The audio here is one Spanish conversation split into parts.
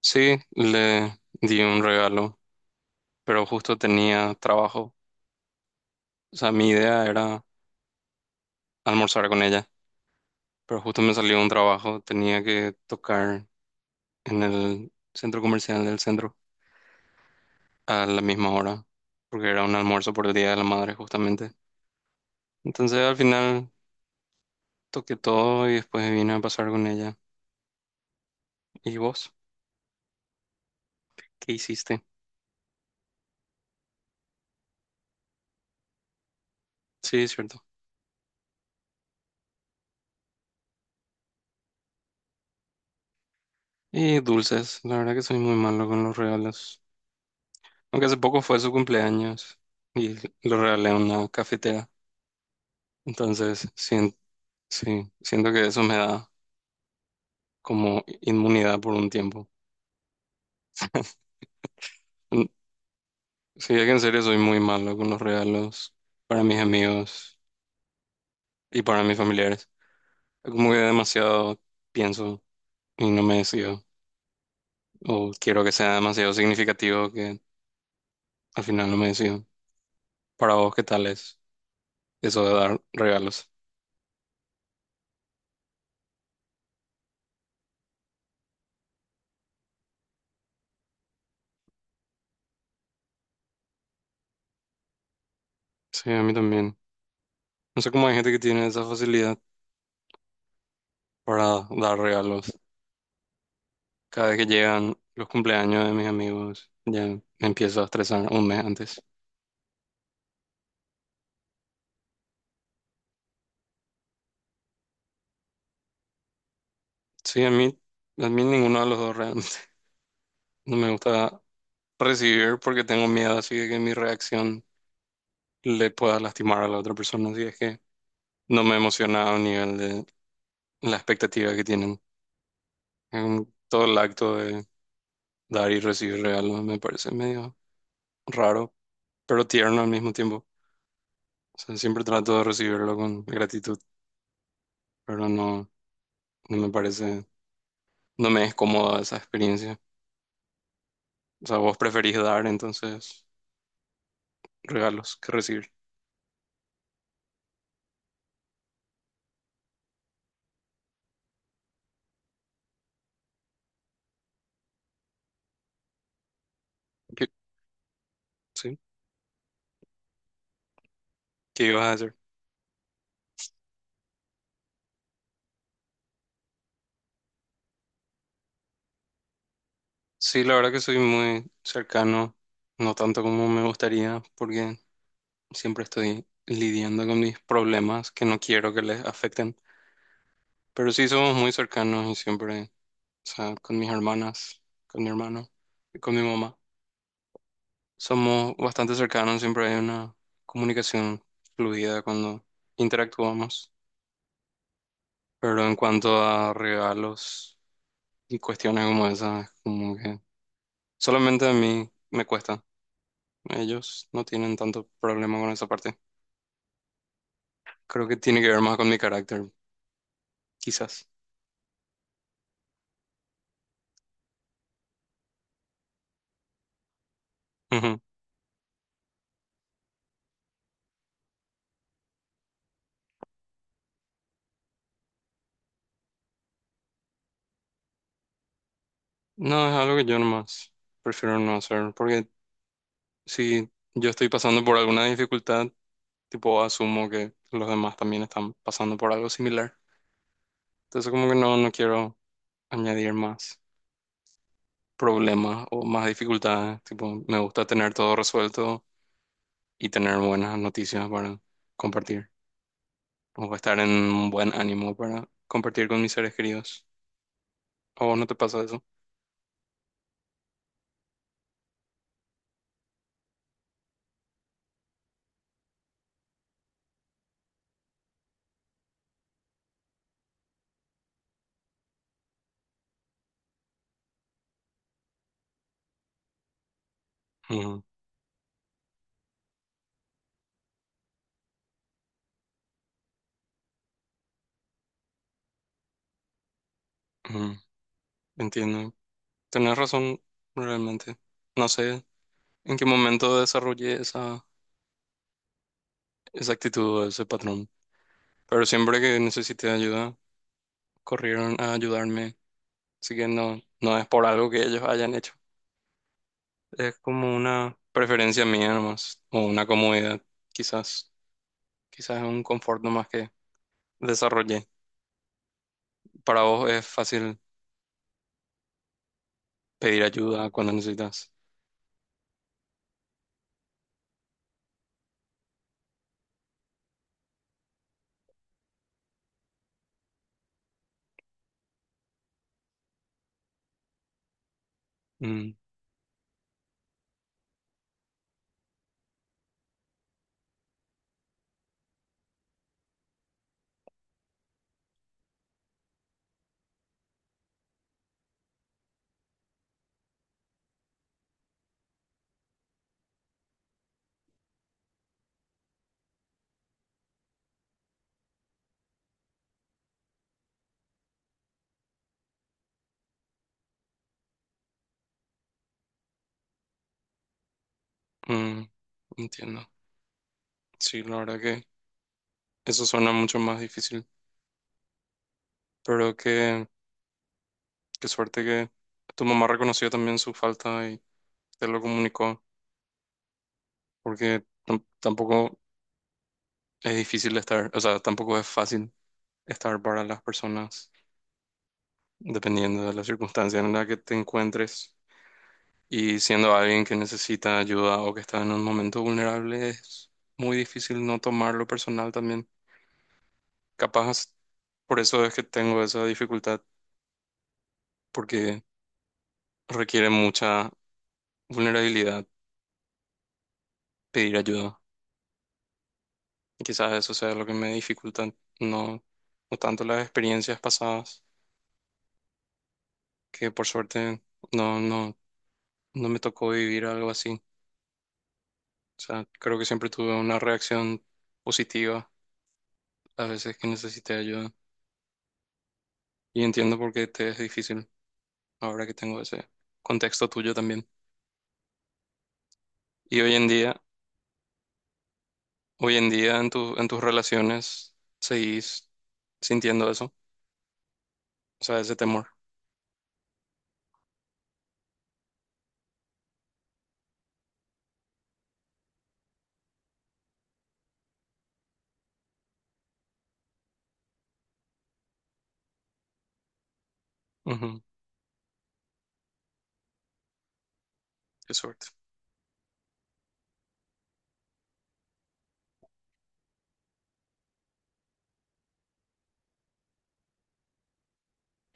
Sí, le di un regalo, pero justo tenía trabajo. O sea, mi idea era almorzar con ella, pero justo me salió un trabajo. Tenía que tocar en el centro comercial del centro a la misma hora, porque era un almuerzo por el Día de la Madre justamente. Entonces al final toqué todo y después vine a pasar con ella. ¿Y vos? ¿Qué hiciste? Sí, es cierto. Y dulces, la verdad que soy muy malo con los regalos. Aunque hace poco fue su cumpleaños y le regalé una cafetera. Entonces, sien- sí, siento que eso me da como inmunidad por un tiempo. Mm, sí, es que en serio soy muy malo con los regalos para mis amigos y para mis familiares. Es como que demasiado pienso y no me decido. O quiero que sea demasiado significativo que al final no me decido. Para vos, ¿qué tal es eso de dar regalos? Sí, a mí también. No sé cómo hay gente que tiene esa facilidad para dar regalos. Cada vez que llegan los cumpleaños de mis amigos, ya me empiezo a estresar un mes antes. Sí, a mí ninguno de los dos realmente. No me gusta recibir porque tengo miedo así de que mi reacción le pueda lastimar a la otra persona. Así es que no me emociona a un nivel de la expectativa que tienen. En todo el acto de dar y recibir regalos me parece medio raro, pero tierno al mismo tiempo. O sea, siempre trato de recibirlo con gratitud, pero no me parece, no me es cómoda esa experiencia. O sea, vos preferís dar entonces regalos que recibir. ¿Qué, sí? ¿Qué ibas a hacer? Sí, la verdad que soy muy cercano, no tanto como me gustaría, porque siempre estoy lidiando con mis problemas que no quiero que les afecten. Pero sí somos muy cercanos y siempre, o sea, con mis hermanas, con mi hermano y con mi mamá. Somos bastante cercanos, siempre hay una comunicación fluida cuando interactuamos. Pero en cuanto a regalos y cuestiones como esas, como que solamente a mí me cuesta. Ellos no tienen tanto problema con esa parte. Creo que tiene que ver más con mi carácter, quizás. Ujú. No, es algo que yo nomás prefiero no hacer, porque si yo estoy pasando por alguna dificultad, tipo asumo que los demás también están pasando por algo similar. Entonces como que no quiero añadir más problemas o más dificultades. Tipo, me gusta tener todo resuelto y tener buenas noticias para compartir, o estar en un buen ánimo para compartir con mis seres queridos. ¿A vos no te pasa eso? Ujú, ujú, entiendo. Tenés razón, realmente. No sé en qué momento desarrollé esa actitud o ese patrón, pero siempre que necesité ayuda, corrieron a ayudarme. Así que no, no es por algo que ellos hayan hecho. Es como una preferencia mía nomás, o una comodidad, quizás. Quizás es un confort nomás que desarrollé. Para vos es fácil pedir ayuda cuando necesitas. Mm, entiendo. Sí, la verdad que eso suena mucho más difícil, pero qué suerte que tu mamá reconoció también su falta y te lo comunicó, porque tampoco es difícil estar, o sea, tampoco es fácil estar para las personas, dependiendo de la circunstancia en la que te encuentres. Y siendo alguien que necesita ayuda o que está en un momento vulnerable, es muy difícil no tomarlo personal también. Capaz, por eso es que tengo esa dificultad, porque requiere mucha vulnerabilidad pedir ayuda. Y quizás eso sea lo que me dificulta, no, no tanto las experiencias pasadas, que por suerte no, no, no me tocó vivir algo así. O sea, creo que siempre tuve una reacción positiva las veces que necesité ayuda. Y entiendo por qué te es difícil ahora que tengo ese contexto tuyo también. Y hoy en día en en tus relaciones seguís sintiendo eso, o sea, ese temor. Ujú, qué suerte.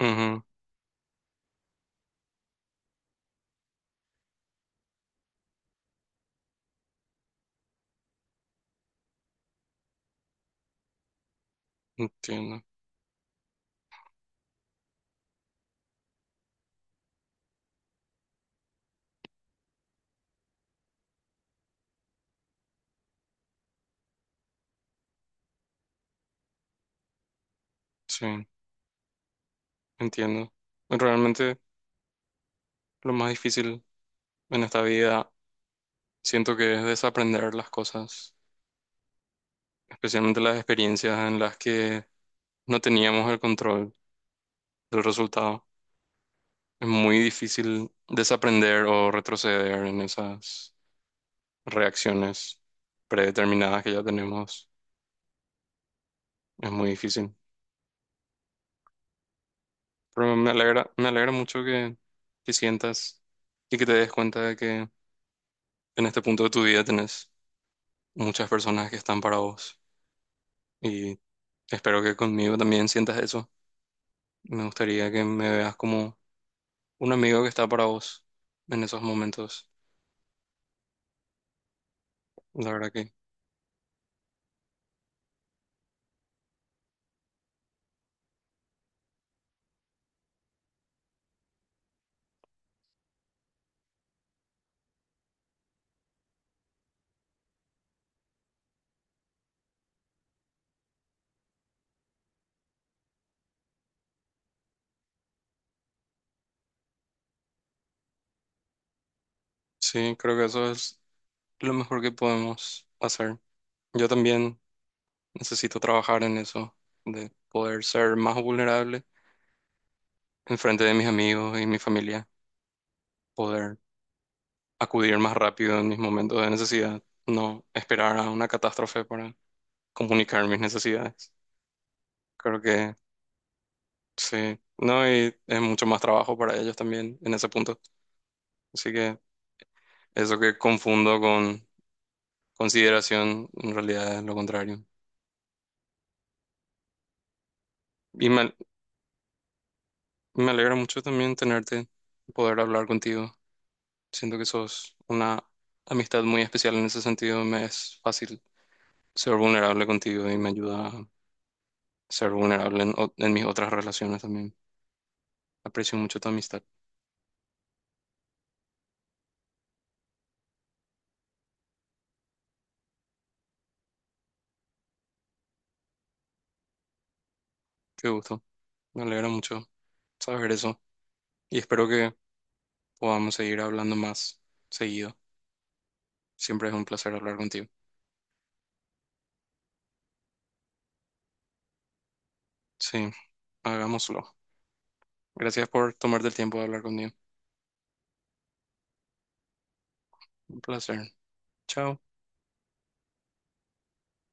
Ujú, entiendo. Sí, entiendo. Realmente lo más difícil en esta vida siento que es desaprender las cosas, especialmente las experiencias en las que no teníamos el control del resultado. Es muy difícil desaprender o retroceder en esas reacciones predeterminadas que ya tenemos. Es muy difícil. Pero me alegra mucho que sientas y que te des cuenta de que en este punto de tu vida tenés muchas personas que están para vos. Y espero que conmigo también sientas eso. Me gustaría que me veas como un amigo que está para vos en esos momentos. La verdad que sí, creo que eso es lo mejor que podemos hacer. Yo también necesito trabajar en eso, de poder ser más vulnerable en frente de mis amigos y mi familia, poder acudir más rápido en mis momentos de necesidad, no esperar a una catástrofe para comunicar mis necesidades. Creo que sí, no, y es mucho más trabajo para ellos también en ese punto. Así que eso que confundo con consideración, en realidad es lo contrario. Y me alegra mucho también tenerte, poder hablar contigo. Siento que sos una amistad muy especial en ese sentido. Me es fácil ser vulnerable contigo y me ayuda a ser vulnerable en mis otras relaciones también. Aprecio mucho tu amistad. Qué gusto. Me alegra mucho saber eso. Y espero que podamos seguir hablando más seguido. Siempre es un placer hablar contigo. Sí, hagámoslo. Gracias por tomarte el tiempo de hablar conmigo. Un placer. Chao.